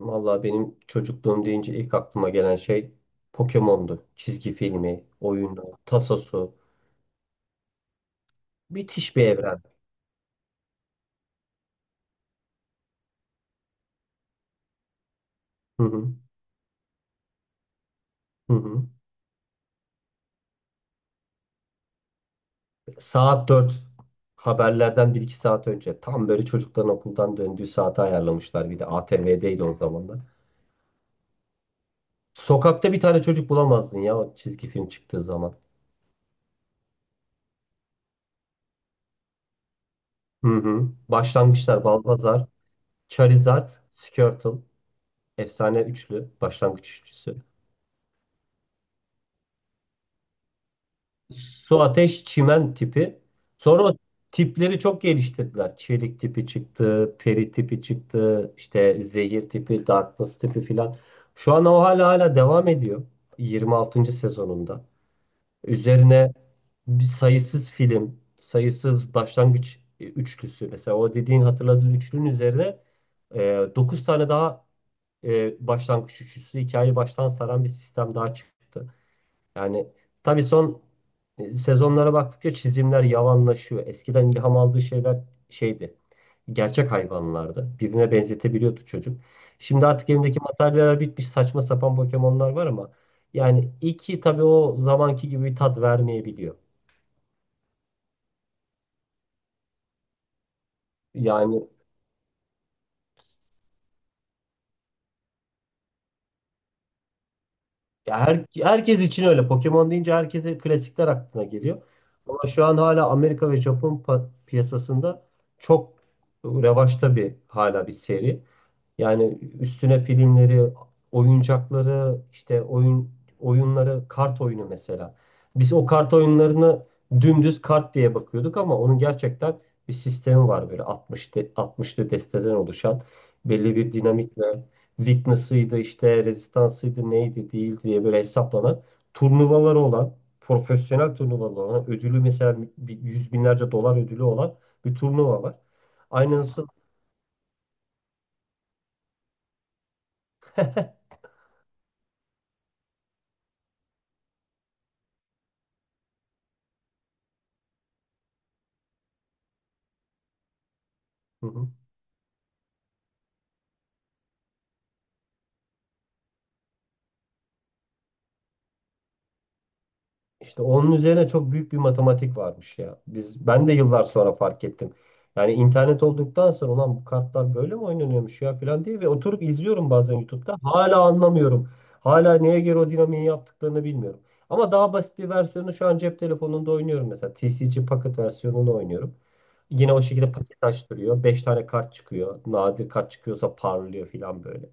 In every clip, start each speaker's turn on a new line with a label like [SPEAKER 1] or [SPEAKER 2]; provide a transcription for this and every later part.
[SPEAKER 1] Vallahi benim çocukluğum deyince ilk aklıma gelen şey Pokemon'du. Çizgi filmi, oyunu, tasosu. Müthiş bir evren. Hı hı. Hı hı. Saat dört. Haberlerden bir iki saat önce. Tam böyle çocukların okuldan döndüğü saate ayarlamışlar. Bir de ATV'deydi o zaman da. Sokakta bir tane çocuk bulamazdın ya o çizgi film çıktığı zaman. Hı hı. Başlangıçlar Balbazar, Charizard, Squirtle. Efsane üçlü. Başlangıç üçlüsü. Su, ateş, çimen tipi. Sonra o tipleri çok geliştirdiler. Çelik tipi çıktı, peri tipi çıktı, işte zehir tipi, darkness tipi filan. Şu an o hala devam ediyor. 26. sezonunda. Üzerine bir sayısız film, sayısız başlangıç üçlüsü. Mesela o dediğin hatırladığın üçlünün üzerine 9 tane daha başlangıç üçlüsü hikayeyi baştan saran bir sistem daha çıktı. Yani tabii son sezonlara baktıkça çizimler yavanlaşıyor. Eskiden ilham aldığı şeyler şeydi. Gerçek hayvanlardı. Birine benzetebiliyordu çocuk. Şimdi artık elindeki materyaller bitmiş saçma sapan Pokemon'lar var ama yani iki tabii o zamanki gibi bir tat vermeyebiliyor. Yani ya herkes için öyle. Pokemon deyince herkese klasikler aklına geliyor. Ama şu an hala Amerika ve Japon piyasasında çok revaçta hala bir seri. Yani üstüne filmleri, oyuncakları, işte oyunları, kart oyunu mesela. Biz o kart oyunlarını dümdüz kart diye bakıyorduk ama onun gerçekten bir sistemi var böyle 60'lı desteden oluşan belli bir dinamikle weakness'ıydı işte rezistansıydı neydi değil diye böyle hesaplanan turnuvaları olan profesyonel turnuvaları olan ödülü mesela yüz binlerce dolar ödülü olan bir turnuva var. Aynısı. Hı hı. İşte onun üzerine çok büyük bir matematik varmış ya. Ben de yıllar sonra fark ettim. Yani internet olduktan sonra ulan bu kartlar böyle mi oynanıyormuş ya falan diye ve oturup izliyorum bazen YouTube'da. Hala anlamıyorum. Hala neye göre o dinamiği yaptıklarını bilmiyorum. Ama daha basit bir versiyonu şu an cep telefonunda oynuyorum mesela. TCG Pocket versiyonunu oynuyorum. Yine o şekilde paket açtırıyor. 5 tane kart çıkıyor. Nadir kart çıkıyorsa parlıyor falan böyle.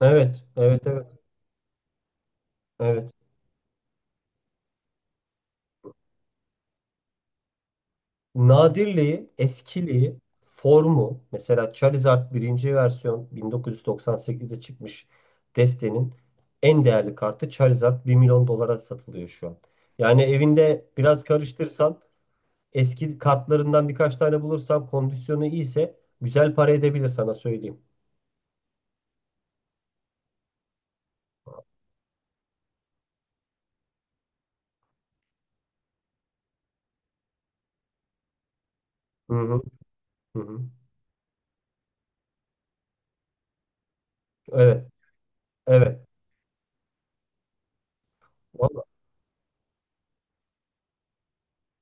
[SPEAKER 1] Evet, evet, evet, evet. Nadirliği, eskiliği, formu mesela Charizard birinci versiyon 1998'de çıkmış, destenin en değerli kartı Charizard 1 milyon dolara satılıyor şu an. Yani evinde biraz karıştırsan eski kartlarından birkaç tane bulursan kondisyonu iyiyse güzel para edebilir sana söyleyeyim. Hı hı, hı hı. Evet, evet. Vallahi,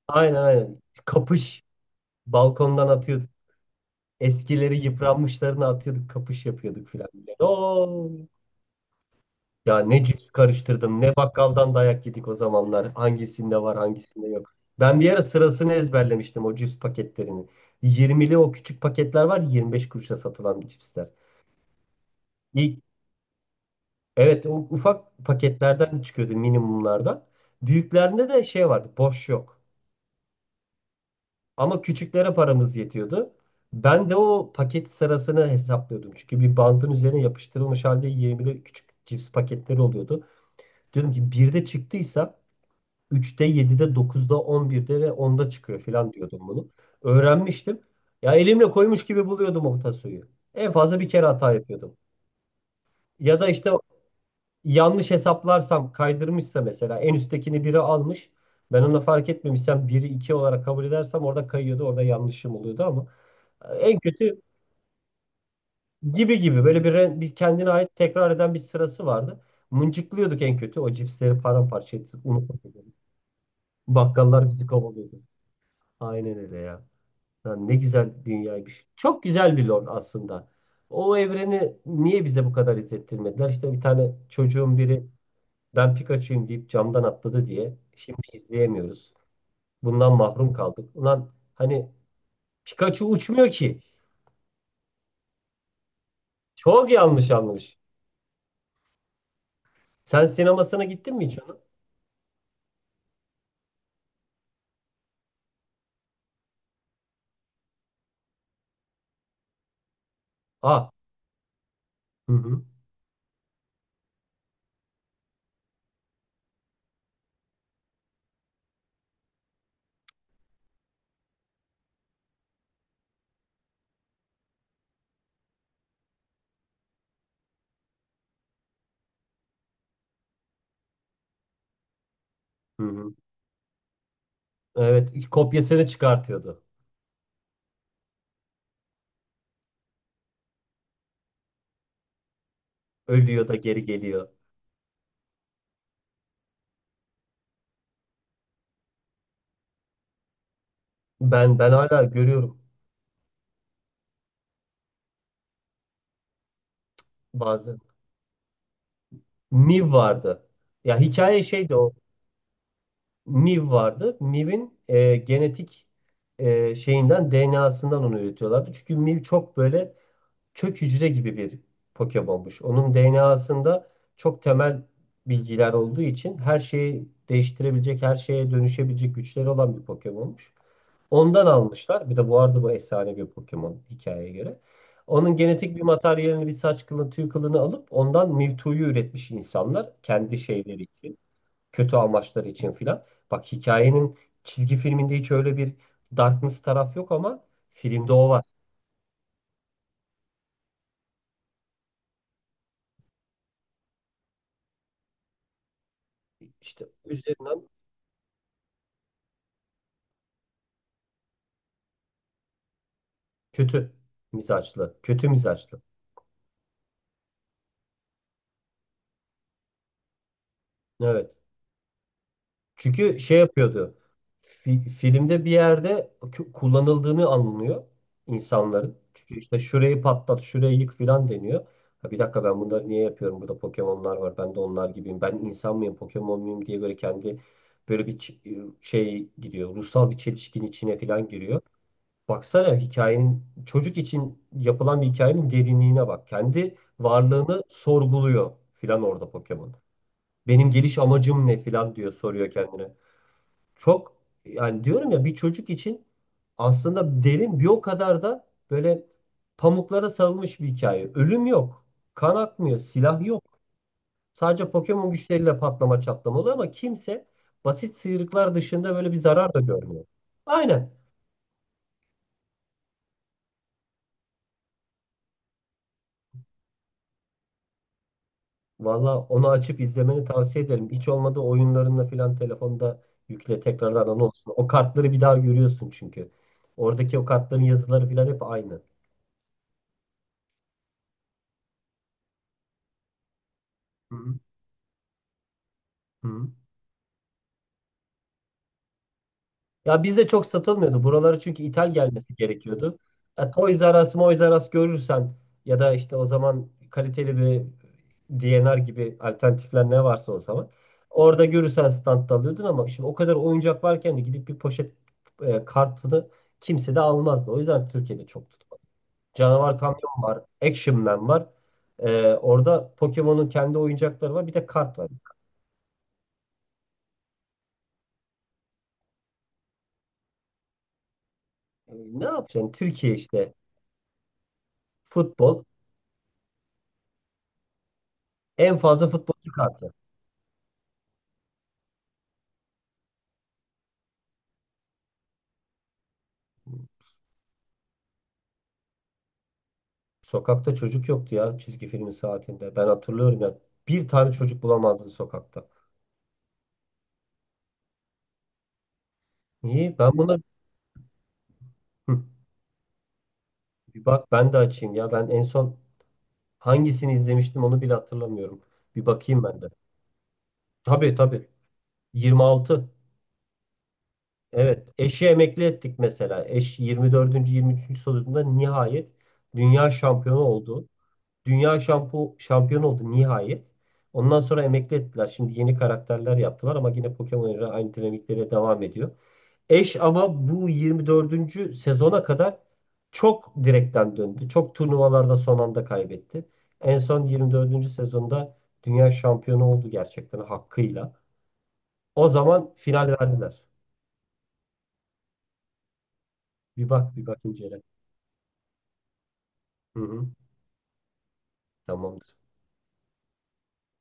[SPEAKER 1] aynen aynen. Kapış balkondan atıyorduk. Eskileri yıpranmışlarını atıyorduk, kapış yapıyorduk filan. Oo. Ya ne cips karıştırdım, ne bakkaldan dayak yedik o zamanlar. Hangisinde var, hangisinde yok. Ben bir ara sırasını ezberlemiştim o cips paketlerini. 20'li o küçük paketler var, 25 kuruşa satılan cipsler. İlk, evet, o ufak paketlerden çıkıyordu minimumlardan. Büyüklerinde de şey vardı, boş yok. Ama küçüklere paramız yetiyordu. Ben de o paket sırasını hesaplıyordum. Çünkü bir bandın üzerine yapıştırılmış halde 20'li küçük cips paketleri oluyordu. Diyordum ki bir de çıktıysa 3'te, 7'de, 9'da, 11'de ve 10'da çıkıyor falan diyordum bunu. Öğrenmiştim. Ya elimle koymuş gibi buluyordum o tasoyu. En fazla bir kere hata yapıyordum. Ya da işte yanlış hesaplarsam, kaydırmışsa mesela en üsttekini biri almış. Ben onu fark etmemişsem 1'i 2 olarak kabul edersem orada kayıyordu, orada yanlışım oluyordu ama en kötü gibi gibi böyle bir kendine ait tekrar eden bir sırası vardı. Mıncıklıyorduk en kötü. O cipsleri paramparça ettik, unu fırlatıyorduk. Bakkallar bizi kovalıyordu. Aynen öyle ya. Lan ne güzel dünyaymış. Çok güzel bir lore aslında. O evreni niye bize bu kadar izlettirmediler? İşte bir tane çocuğun biri ben Pikachu'yum deyip camdan atladı diye şimdi izleyemiyoruz. Bundan mahrum kaldık. Ulan hani Pikachu uçmuyor ki. Çok yanlış anlamış. Sen sinemasına gittin mi hiç onun? Aa. Hı hı. Hı hı. Evet, kopyasını çıkartıyordu. Ölüyor da geri geliyor. Ben hala görüyorum bazen. Miv vardı. Ya hikaye şeydi o. Miv vardı. Miv'in genetik, e, şeyinden DNA'sından onu üretiyorlardı. Çünkü Miv çok böyle kök hücre gibi bir Pokemon'muş. Onun DNA'sında çok temel bilgiler olduğu için her şeyi değiştirebilecek, her şeye dönüşebilecek güçleri olan bir Pokemon'muş. Ondan almışlar. Bir de bu arada bu efsane bir Pokemon hikayeye göre. Onun genetik bir materyalini, bir saç kılını, tüy kılını alıp ondan Mewtwo'yu üretmiş insanlar kendi şeyleri için, kötü amaçları için filan. Bak hikayenin çizgi filminde hiç öyle bir darkness taraf yok ama filmde o var. İşte üzerinden kötü mizaçlı, kötü mizaçlı. Evet. Çünkü şey yapıyordu. Filmde bir yerde kullanıldığını anlıyor insanların. Çünkü işte şurayı patlat, şurayı yık filan deniyor. Ha bir dakika, ben bunları niye yapıyorum? Burada Pokemon'lar var. Ben de onlar gibiyim. Ben insan mıyım, Pokemon muyum diye böyle kendi, böyle bir şey gidiyor. Ruhsal bir çelişkin içine filan giriyor. Baksana hikayenin, çocuk için yapılan bir hikayenin derinliğine bak. Kendi varlığını sorguluyor filan orada Pokemon. Benim geliş amacım ne filan diyor, soruyor kendine. Çok yani, diyorum ya, bir çocuk için aslında derin, bir o kadar da böyle pamuklara sarılmış bir hikaye. Ölüm yok, kan akmıyor, silah yok. Sadece Pokemon güçleriyle patlama çatlama oluyor ama kimse basit sıyrıklar dışında böyle bir zarar da görmüyor. Aynen. Valla onu açıp izlemeni tavsiye ederim. Hiç olmadı oyunlarınla falan telefonda yükle tekrardan onu olsun. O kartları bir daha görüyorsun çünkü. Oradaki o kartların yazıları falan hep aynı. Hı hı. Hı. Ya bizde çok satılmıyordu. Buralara çünkü ithal gelmesi gerekiyordu. Ya Toys R Us, Moys R Us görürsen ya da işte o zaman kaliteli bir DNR gibi alternatifler ne varsa o zaman. Orada görürsen standta alıyordun ama şimdi o kadar oyuncak varken de gidip bir poşet kartını kimse de almazdı. O yüzden Türkiye'de çok tutmadı. Canavar Kamyon var, Action Man var. E, orada Pokemon'un kendi oyuncakları var, bir de kart var. E, ne yapacaksın? Türkiye işte futbol, en fazla futbolcu kartı. Sokakta çocuk yoktu ya çizgi filmin saatinde. Ben hatırlıyorum ya. Bir tane çocuk bulamazdı sokakta. Niye? Ben buna. Hı. Bir bak ben de açayım ya. Ben en son hangisini izlemiştim onu bile hatırlamıyorum. Bir bakayım ben de. Tabii tabii. 26. Evet. Eşi emekli ettik mesela. Eş 24. 23. sorusunda nihayet dünya şampiyonu oldu. Dünya şampiyonu oldu nihayet. Ondan sonra emekli ettiler. Şimdi yeni karakterler yaptılar ama yine Pokemon ile aynı dinamikleri devam ediyor. Eş ama bu 24. sezona kadar çok direkten döndü. Çok turnuvalarda son anda kaybetti. En son 24. sezonda dünya şampiyonu oldu gerçekten hakkıyla. O zaman final verdiler. Bir bak bir bak incele. Hı hı. Tamamdır.